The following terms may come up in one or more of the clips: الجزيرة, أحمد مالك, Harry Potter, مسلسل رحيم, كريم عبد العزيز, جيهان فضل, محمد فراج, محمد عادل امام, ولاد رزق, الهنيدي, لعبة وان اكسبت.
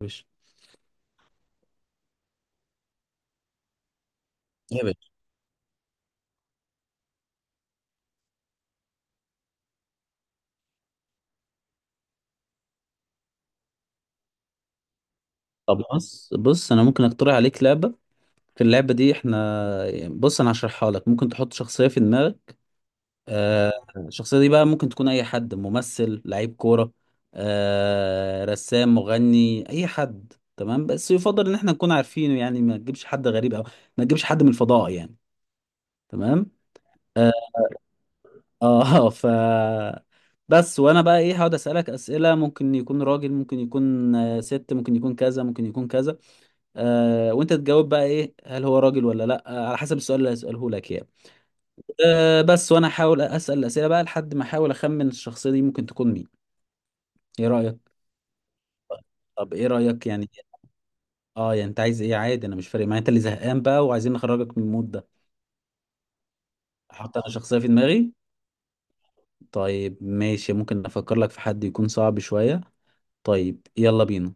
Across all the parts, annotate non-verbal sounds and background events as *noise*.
باشا. يا باشا، طب بص بص انا ممكن اقترح عليك لعبه. في اللعبه دي احنا، بص انا هشرحها لك. ممكن تحط شخصيه في دماغك. الشخصيه دي بقى ممكن تكون اي حد، ممثل، لعيب كوره، رسام، مغني، اي حد، تمام؟ بس يفضل ان احنا نكون عارفينه، يعني ما تجيبش حد غريب، او ما تجيبش حد من الفضاء يعني. تمام. اه. *laughs* آه، ف بس وانا بقى ايه، هقعد اسالك اسئله. ممكن يكون راجل، ممكن يكون ست، ممكن يكون كذا ممكن يكون كذا. آه، وانت تجاوب بقى. ايه، هل هو راجل ولا لا؟ آه، على حسب السؤال اللي هسأله لك يعني. آه، بس وانا احاول اسأل الاسئله بقى لحد ما احاول اخمن الشخصيه دي ممكن تكون مين. ايه رأيك؟ طب ايه رأيك يعني؟ اه، يعني انت عايز ايه؟ عادي، انا مش فارق معايا. انت اللي زهقان بقى وعايزين نخرجك من المود ده. احط انا شخصيه في دماغي. طيب ماشي، ممكن افكر لك في حد يكون صعب شويه. طيب يلا بينا.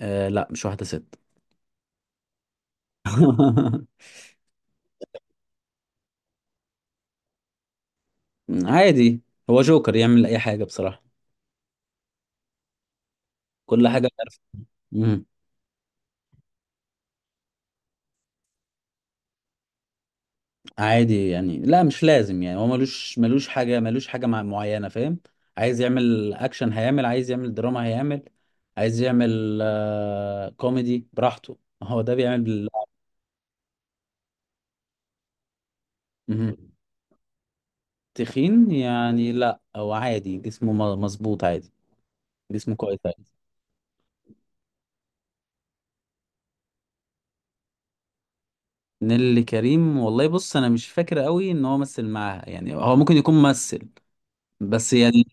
آه لا، مش واحده ست. *laughs* عادي. هو جوكر، يعمل اي حاجه بصراحه. كل حاجه. عارف. عادي يعني، لا مش لازم يعني. هو ملوش حاجة، ملوش حاجة معينة، فاهم؟ عايز يعمل أكشن هيعمل، عايز يعمل دراما هيعمل، عايز يعمل كوميدي براحته. *laughs* هو ده بيعمل مهم. تخين يعني لا، هو عادي، جسمه مظبوط عادي. جسمه كويس عادي. نيللي كريم، والله بص أنا مش فاكر قوي إن هو مثل معاها، يعني هو ممكن يكون ممثل بس يعني.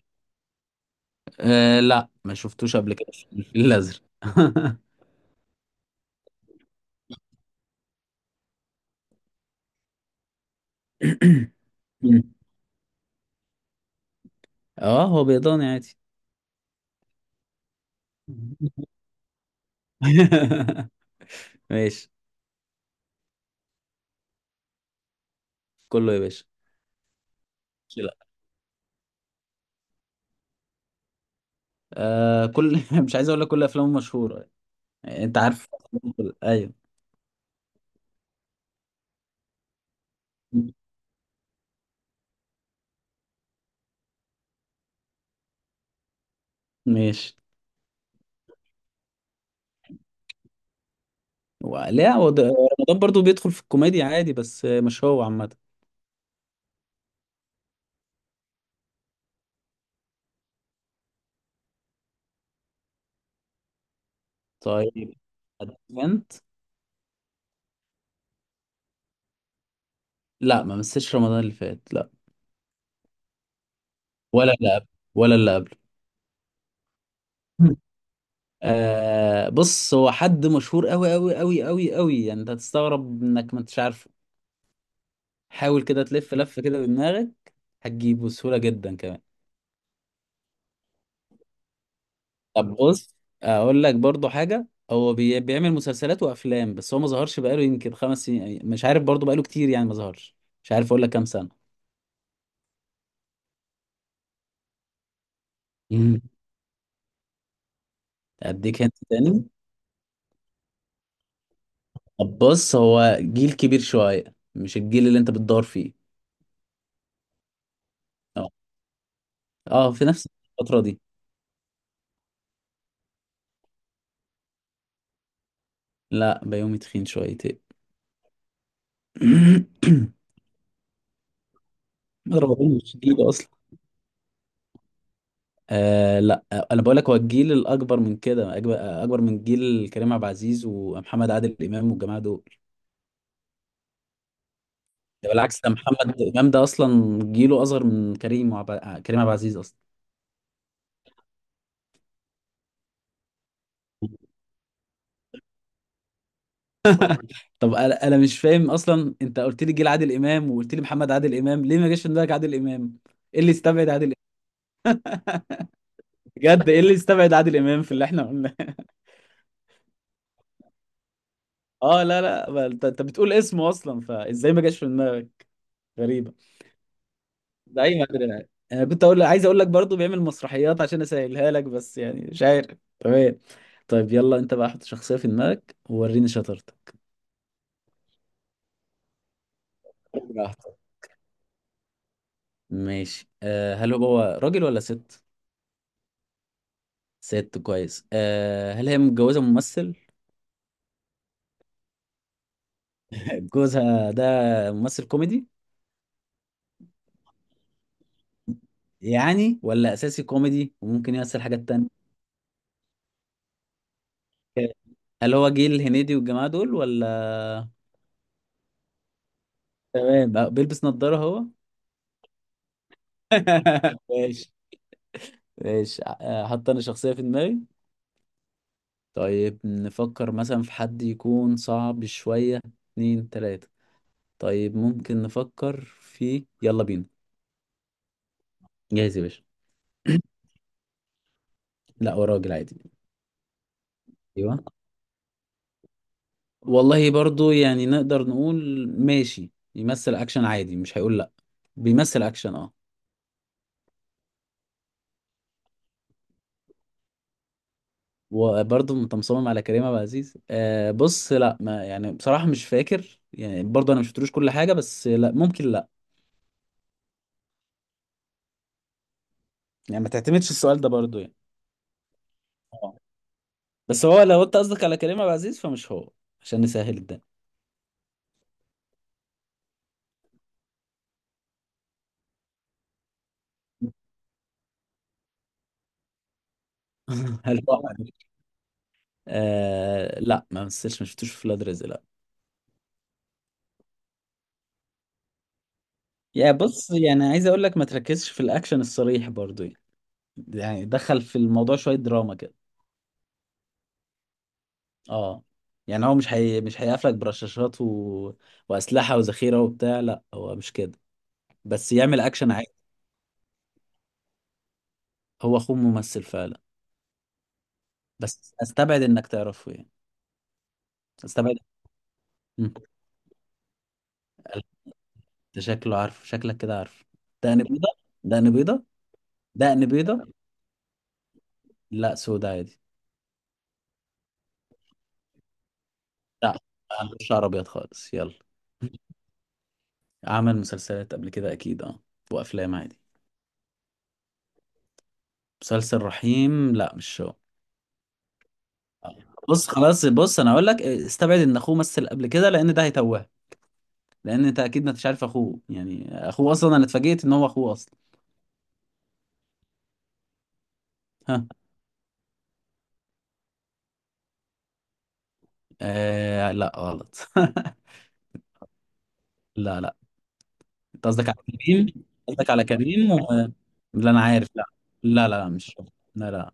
آه لا، ما شفتوش قبل كده في الفيل الأزرق. *coughs* *laughs* اه، هو بيضاني عادي. *laughs* ماشي. كله يا باشا. ماشي، لا. آه، كل، *laughs* مش عايز اقول لك كل افلامه مشهوره. يعني انت عارف. *laughs* ايوه. ماشي. و- لا هو ده- رمضان برضو بيدخل في الكوميديا عادي، بس مش هو عامه. طيب، ادفنت. لا، ما مسيتش رمضان اللي فات، لا. ولا اللي قبل. ولا اللي قبل. *laughs* آه بص، هو حد مشهور قوي قوي قوي قوي قوي، يعني انت هتستغرب انك ما انتش عارفه. حاول كده تلف لف كده بدماغك، هتجيبه بسهوله جدا كمان. طب بص، اقول لك برضو حاجه. هو بيعمل مسلسلات وافلام، بس هو ما ظهرش بقاله يمكن 5 سنين، مش عارف برضو، بقاله كتير يعني ما ظهرش. مش عارف اقول لك كام سنه. مم. اديك هنت تاني. طب بص، هو جيل كبير شويه، مش الجيل اللي انت بتدور فيه. اه. اه، في نفس الفتره دي. لا، بيومي تخين شويتين. *coughs* ما ضربوهوش، مش جيل اصلا. آه لا، انا بقول لك هو الجيل الاكبر من كده، اكبر. أكبر من جيل كريم عبد العزيز ومحمد عادل امام والجماعه دول. ده بالعكس، ده محمد امام ده اصلا جيله اصغر من كريم كريم عبد العزيز اصلا. طب انا، أنا مش فاهم اصلا. انت قلت لي جيل عادل امام وقلت لي محمد عادل امام. ليه ما جاش في دماغك عادل امام؟ ايه اللي يستبعد عادل امام؟ بجد ايه اللي يستبعد عادل امام في اللي احنا قلناه؟ *laughs* اه لا لا، ما انت انت بتقول اسمه اصلا، فازاي ما جاش في دماغك؟ غريبه. ده اي مدري. انا كنت اقول، عايز اقول لك برضو بيعمل مسرحيات عشان اسهلها لك، بس يعني مش عارف. تمام، طيب يلا انت بقى حط شخصيه في دماغك ووريني شطارتك. براحتك. ماشي. أه، هل هو راجل ولا ست؟ ست، كويس. أه، هل هي متجوزة ممثل؟ *laughs* جوزها ده ممثل كوميدي؟ يعني، ولا أساسي كوميدي وممكن يمثل حاجات تانية؟ هل هو جيل الهنيدي والجماعة دول ولا؟ تمام. أه، بيلبس نظارة هو؟ *laughs* ماشي. ماشي. أه، حط أنا شخصية في دماغي. طيب نفكر مثلا في حد يكون صعب شوية. اتنين، تلاتة. طيب، ممكن نفكر في، يلا بينا. جاهز يا باشا. لا، هو راجل عادي. ايوه. والله برضو يعني نقدر نقول ماشي، يمثل اكشن عادي، مش هيقول لا. بيمثل اكشن، اه. وبرضه انت مصمم على كريم ابو عزيز؟ آه بص لا، ما يعني بصراحة مش فاكر يعني، برضه انا مش شفتلوش كل حاجة، بس لا ممكن لا. يعني ما تعتمدش السؤال ده برضه يعني. اه، بس هو لو انت قصدك على كريم ابو عزيز فمش هو. عشان نسهل الدنيا. *laughs* هل هو عمل؟ آه لا، ما مثلش. ما شفتوش في ولاد رزق، لا. يا بص، يعني عايز اقول لك ما تركزش في الاكشن الصريح برضه. يعني دخل في الموضوع شوية دراما كده. اه. يعني هو مش هيقفلك برشاشات و، وأسلحة وذخيرة وبتاع، لا هو مش كده. بس يعمل أكشن عادي. هو أخوه ممثل فعلا، بس أستبعد إنك تعرفه يعني. أستبعد. مم. ده شكله عارف، شكلك كده عارف. دقن بيضة. دقن بيضة. دقن بيضة. لا، سودا عادي. لا، ما عندوش شعر أبيض خالص، يلا. عمل مسلسلات قبل كده أكيد، اه. وأفلام عادي. مسلسل رحيم، لا مش هو. بص خلاص، بص انا اقول لك استبعد ان اخوه مثل قبل كده لان ده هيتوهك. لان انت اكيد ما انتش عارف اخوه، يعني اخوه اصلا انا اتفاجئت ان هو اخوه اصلا. ها. آه لا، غلط. *laughs* لا لا. انت قصدك على كريم، قصدك على كريم و، لا انا عارف، لا. لا لا، لا مش هو. لا لا.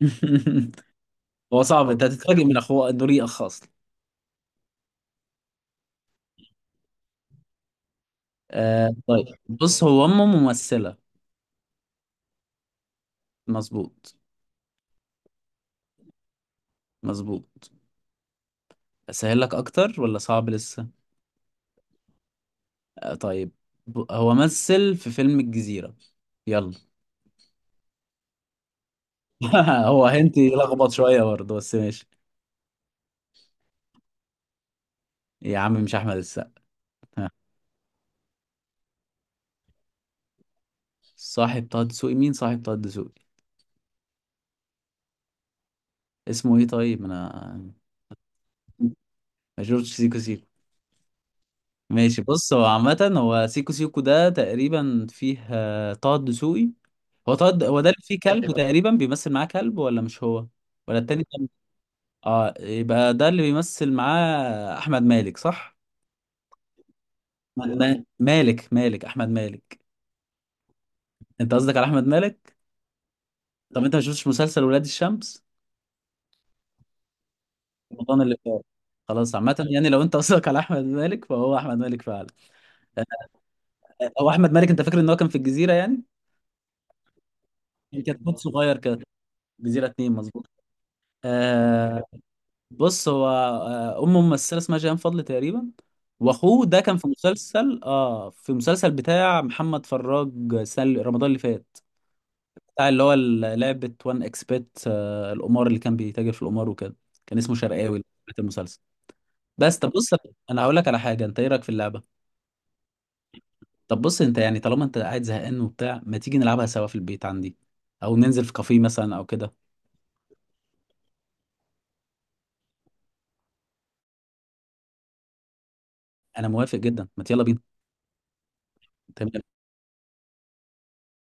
*laughs* هو صعب، انت هتتفاجئ من اخوه انه ريق اصلا. آه طيب بص، هو امه ممثلة. مظبوط. مظبوط. اسهل لك اكتر ولا صعب لسه؟ آه، طيب. هو مثل في فيلم الجزيرة. يلا. *laughs* هو هنت لخبط شوية برضه بس ماشي. يا عم مش أحمد السقا. صاحب طه دسوقي، مين صاحب طه دسوقي؟ اسمه إيه طيب؟ أنا ما شفتش سيكو سيكو. ماشي بص، هو عامة هو سيكو سيكو ده تقريبا فيه طه دسوقي. هو هو ده اللي فيه كلب تقريبا بيمثل معاه كلب ولا مش هو؟ ولا التاني كان. اه، يبقى ده اللي بيمثل معاه أحمد مالك صح؟ أحمد مالك أحمد مالك. انت قصدك على احمد مالك. طب انت ما شفتش مسلسل ولاد الشمس؟ رمضان اللي فات. خلاص عامة، يعني لو انت قصدك على احمد مالك فهو احمد مالك فعلا. آه، هو احمد مالك، انت فاكر ان هو كان في الجزيرة يعني. كان كتكوت صغير كده. جزيرة 2، مظبوط. آه بص، هو امه ممثلة اسمها جيهان فضل تقريبا. واخوه ده كان في مسلسل، اه، في مسلسل بتاع محمد فراج السنة رمضان اللي فات. بتاع اللي هو لعبة وان اكسبت، القمار، اللي كان بيتاجر في القمار وكده. كان اسمه شرقاوي، بتاع المسلسل. بس طب بص، انا هقول لك على حاجه. انت ايه رايك في اللعبه؟ طب بص، انت يعني طالما انت قاعد زهقان وبتاع، ما تيجي نلعبها سوا في البيت عندي؟ او ننزل في كافيه مثلا او كده. انا موافق جدا، ما يلا بينا. تمام.